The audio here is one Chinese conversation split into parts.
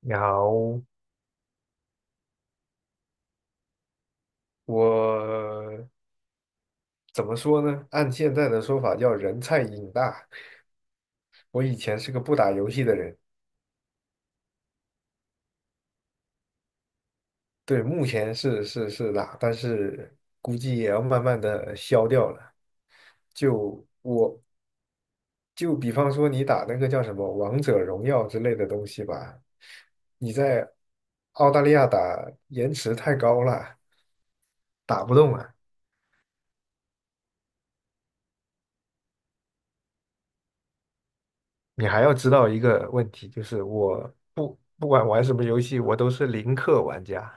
你好，我怎么说呢？按现在的说法叫人菜瘾大。我以前是个不打游戏的人，对，目前是打，但是估计也要慢慢的消掉了。就我，就比方说你打那个叫什么《王者荣耀》之类的东西吧，你在澳大利亚打延迟太高了，打不动啊。你还要知道一个问题，就是我不管玩什么游戏，我都是零氪玩家，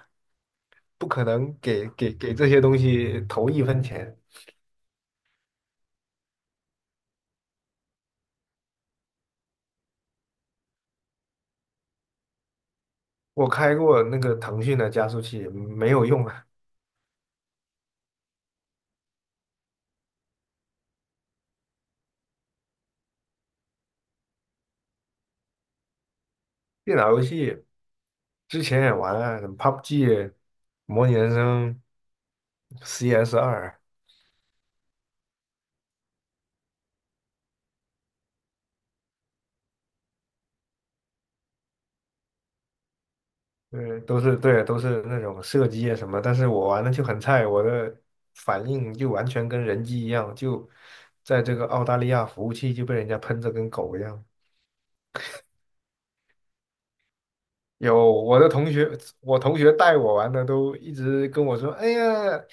不可能给这些东西投一分钱。我开过那个腾讯的加速器，没有用啊。电脑游戏之前也玩啊，什么 PUBG、模拟人生、CS2，对，都是对，都是那种射击啊什么，但是我玩的就很菜，我的反应就完全跟人机一样，就在这个澳大利亚服务器就被人家喷着跟狗一样。有我的同学，我同学带我玩的都一直跟我说："哎呀，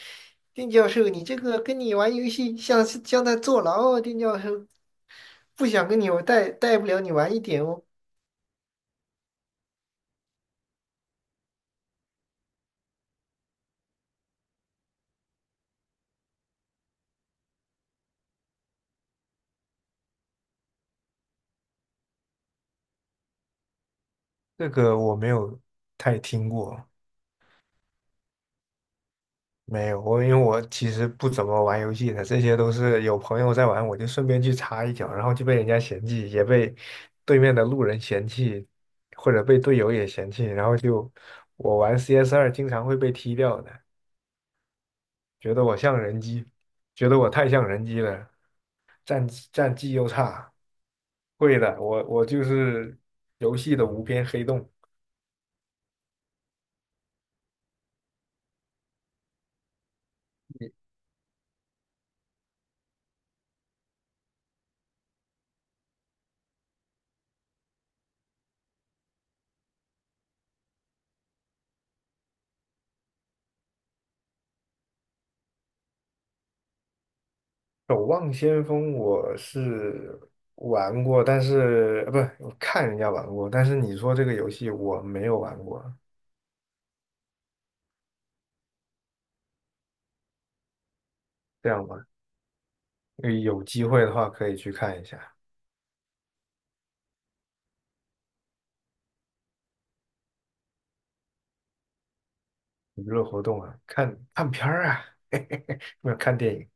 丁教授，你这个跟你玩游戏像在坐牢啊，丁教授，不想跟你我带不了你玩一点哦。"这个我没有太听过。没有，我因为我其实不怎么玩游戏的，这些都是有朋友在玩，我就顺便去插一脚，然后就被人家嫌弃，也被对面的路人嫌弃，或者被队友也嫌弃，然后就我玩 CS2经常会被踢掉的，觉得我像人机，觉得我太像人机了，战绩又差。会的，我就是游戏的无边黑洞。守望先锋我是玩过，但是不，我看人家玩过，但是你说这个游戏我没有玩过，这样吧，有机会的话可以去看一下娱乐活动啊，看看片儿啊，没有看电影，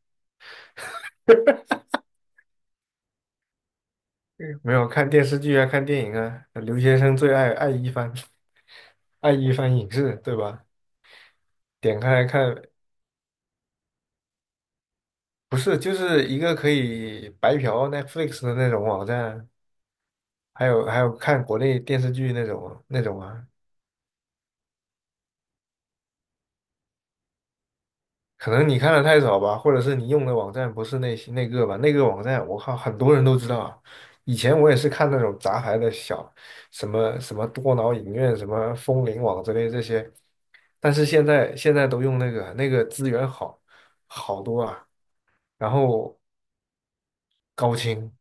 没有看电视剧啊，看电影啊，留学生最爱爱一番，爱一番影视，对吧？点开来看，不是，就是一个可以白嫖 Netflix 的那种网站。还有看国内电视剧那种啊，可能你看的太少吧，或者是你用的网站不是那些那个吧，那个网站我靠，很多人都知道啊。以前我也是看那种杂牌的小什么什么多脑影院、什么风铃网之类这些，但是现在都用那个资源好多啊，然后高清，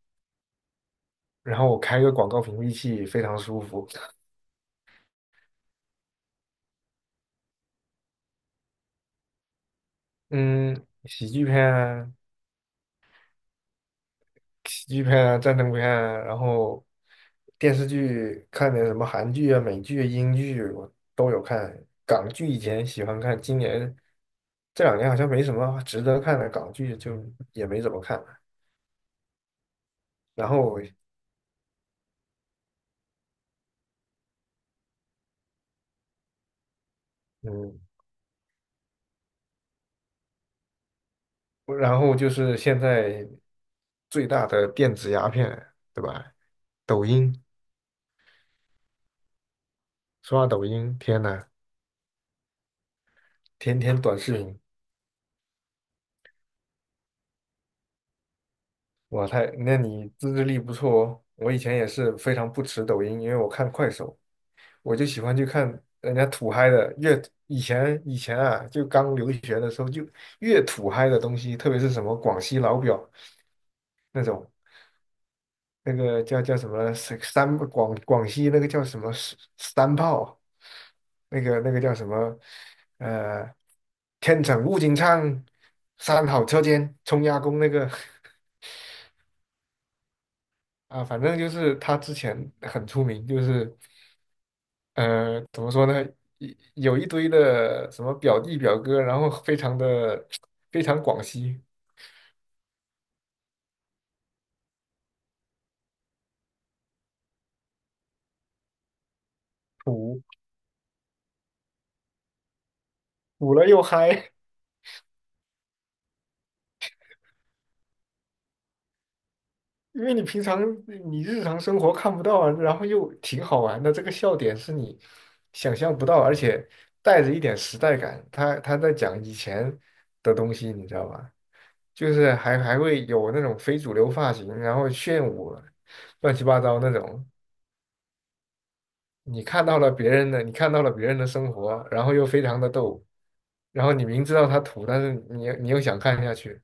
然后我开个广告屏蔽器非常舒服。嗯，喜剧片啊、战争片啊，然后电视剧看点什么韩剧啊、美剧啊英剧啊我都有看。港剧以前喜欢看，今年这两年好像没什么值得看的港剧，就也没怎么看了。然后，嗯，然后就是现在最大的电子鸦片，对吧？抖音，刷抖音，天呐，天天短视频。那你自制力不错哦。我以前也是非常不持抖音，因为我看快手，我就喜欢去看人家土嗨的，越以前以前啊，就刚留学的时候，就越土嗨的东西，特别是什么广西老表那种，那个叫什么三三广广西那个叫什么三炮，那个叫什么呃，天成物金畅，三好车间冲压工那个 啊，反正就是他之前很出名，就是。怎么说呢？一有一堆的什么表弟表哥，然后非常广西土，土了又嗨，因为你日常生活看不到啊，然后又挺好玩的，这个笑点是你想象不到，而且带着一点时代感。他在讲以前的东西，你知道吧？就是还会有那种非主流发型，然后炫舞，乱七八糟那种。你看到了别人的生活，然后又非常的逗，然后你明知道他土，但是你又想看下去，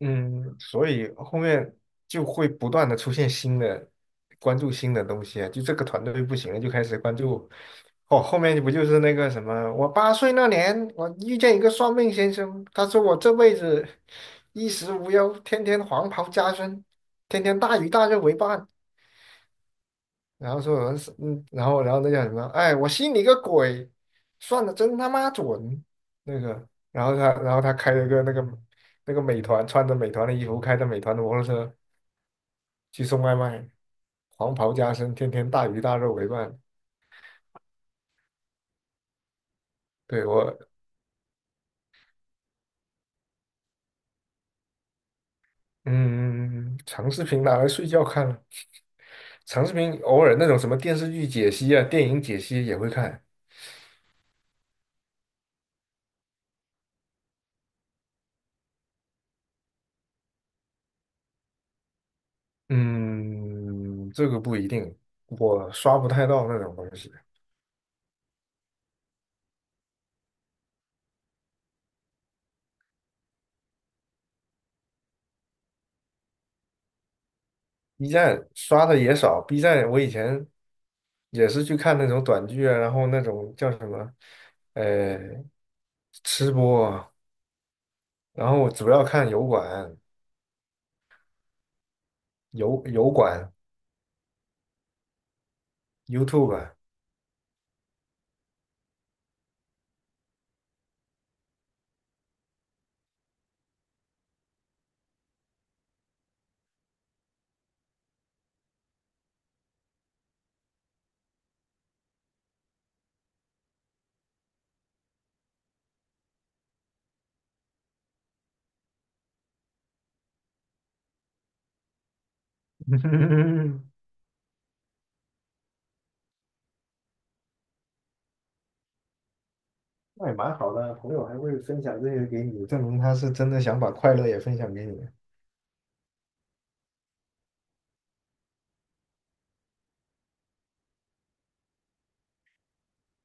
嗯，所以后面就会不断的出现新的，关注新的东西啊，就这个团队不行了，就开始关注，哦，后面不就是那个什么，我8岁那年，我遇见一个算命先生，他说我这辈子衣食无忧，天天黄袍加身，天天大鱼大肉为伴，然后说有人然后那叫什么？哎，我信你个鬼！算的真他妈准，那个。然后他开了个那个美团，穿着美团的衣服，开着美团的摩托车去送外卖，黄袍加身，天天大鱼大肉为伴。对我，嗯，长视频拿来睡觉看了，长视频偶尔那种什么电视剧解析啊、电影解析也会看。嗯，这个不一定，我刷不太到那种东西。B 站刷的也少，B 站我以前也是去看那种短剧啊，然后那种叫什么，呃，吃播啊然后我主要看油管、油管、YouTube 那也蛮好的，朋友还会分享这些给你，证明他是真的想把快乐也分享给你。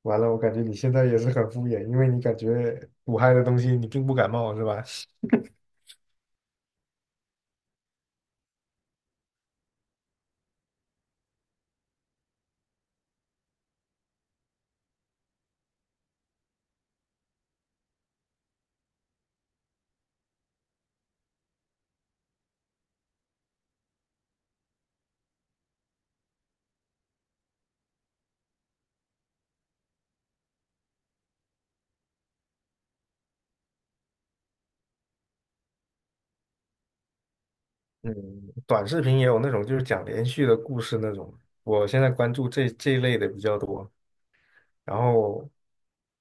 完了，我感觉你现在也是很敷衍，因为你感觉苦嗨的东西你并不感冒，是吧？嗯，短视频也有那种就是讲连续的故事那种，我现在关注这一类的比较多。然后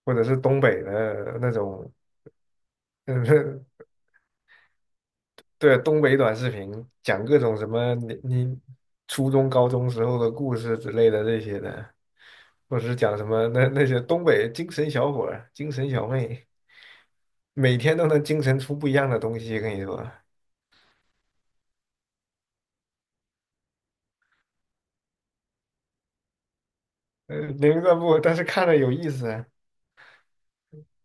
或者是东北的那种，嗯，对，东北短视频讲各种什么你初中高中时候的故事之类的这些的，或者是讲什么那些东北精神小伙儿、精神小妹，每天都能精神出不一样的东西，跟你说，零散步，但是看着有意思啊，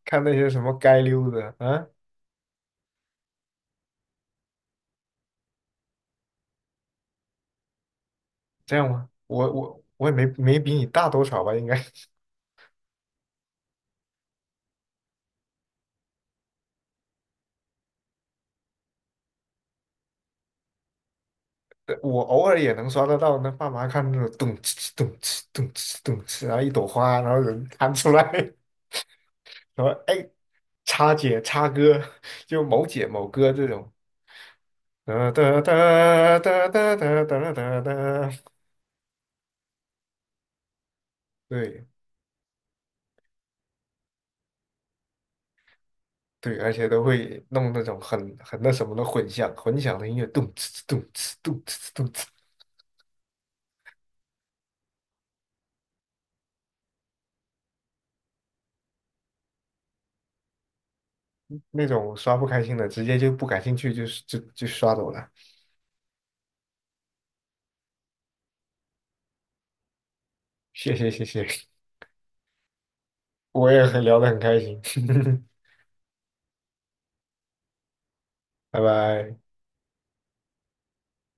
看那些什么街溜子啊，这样吗？我也没比你大多少吧，应该。我偶尔也能刷得到，那爸妈看那种咚哧哧咚哧咚哧咚哧，然后一朵花，然后人弹出来，然后哎，叉姐叉哥，就某姐某哥这种，哒哒哒哒哒哒哒哒哒，对对，而且都会弄那种很那什么的混响，混响的音乐，咚哧哧咚哧咚哧哧咚哧，那种刷不开心的，直接就不感兴趣，就是就刷走了。谢谢谢谢，我也很聊得很开心，拜拜。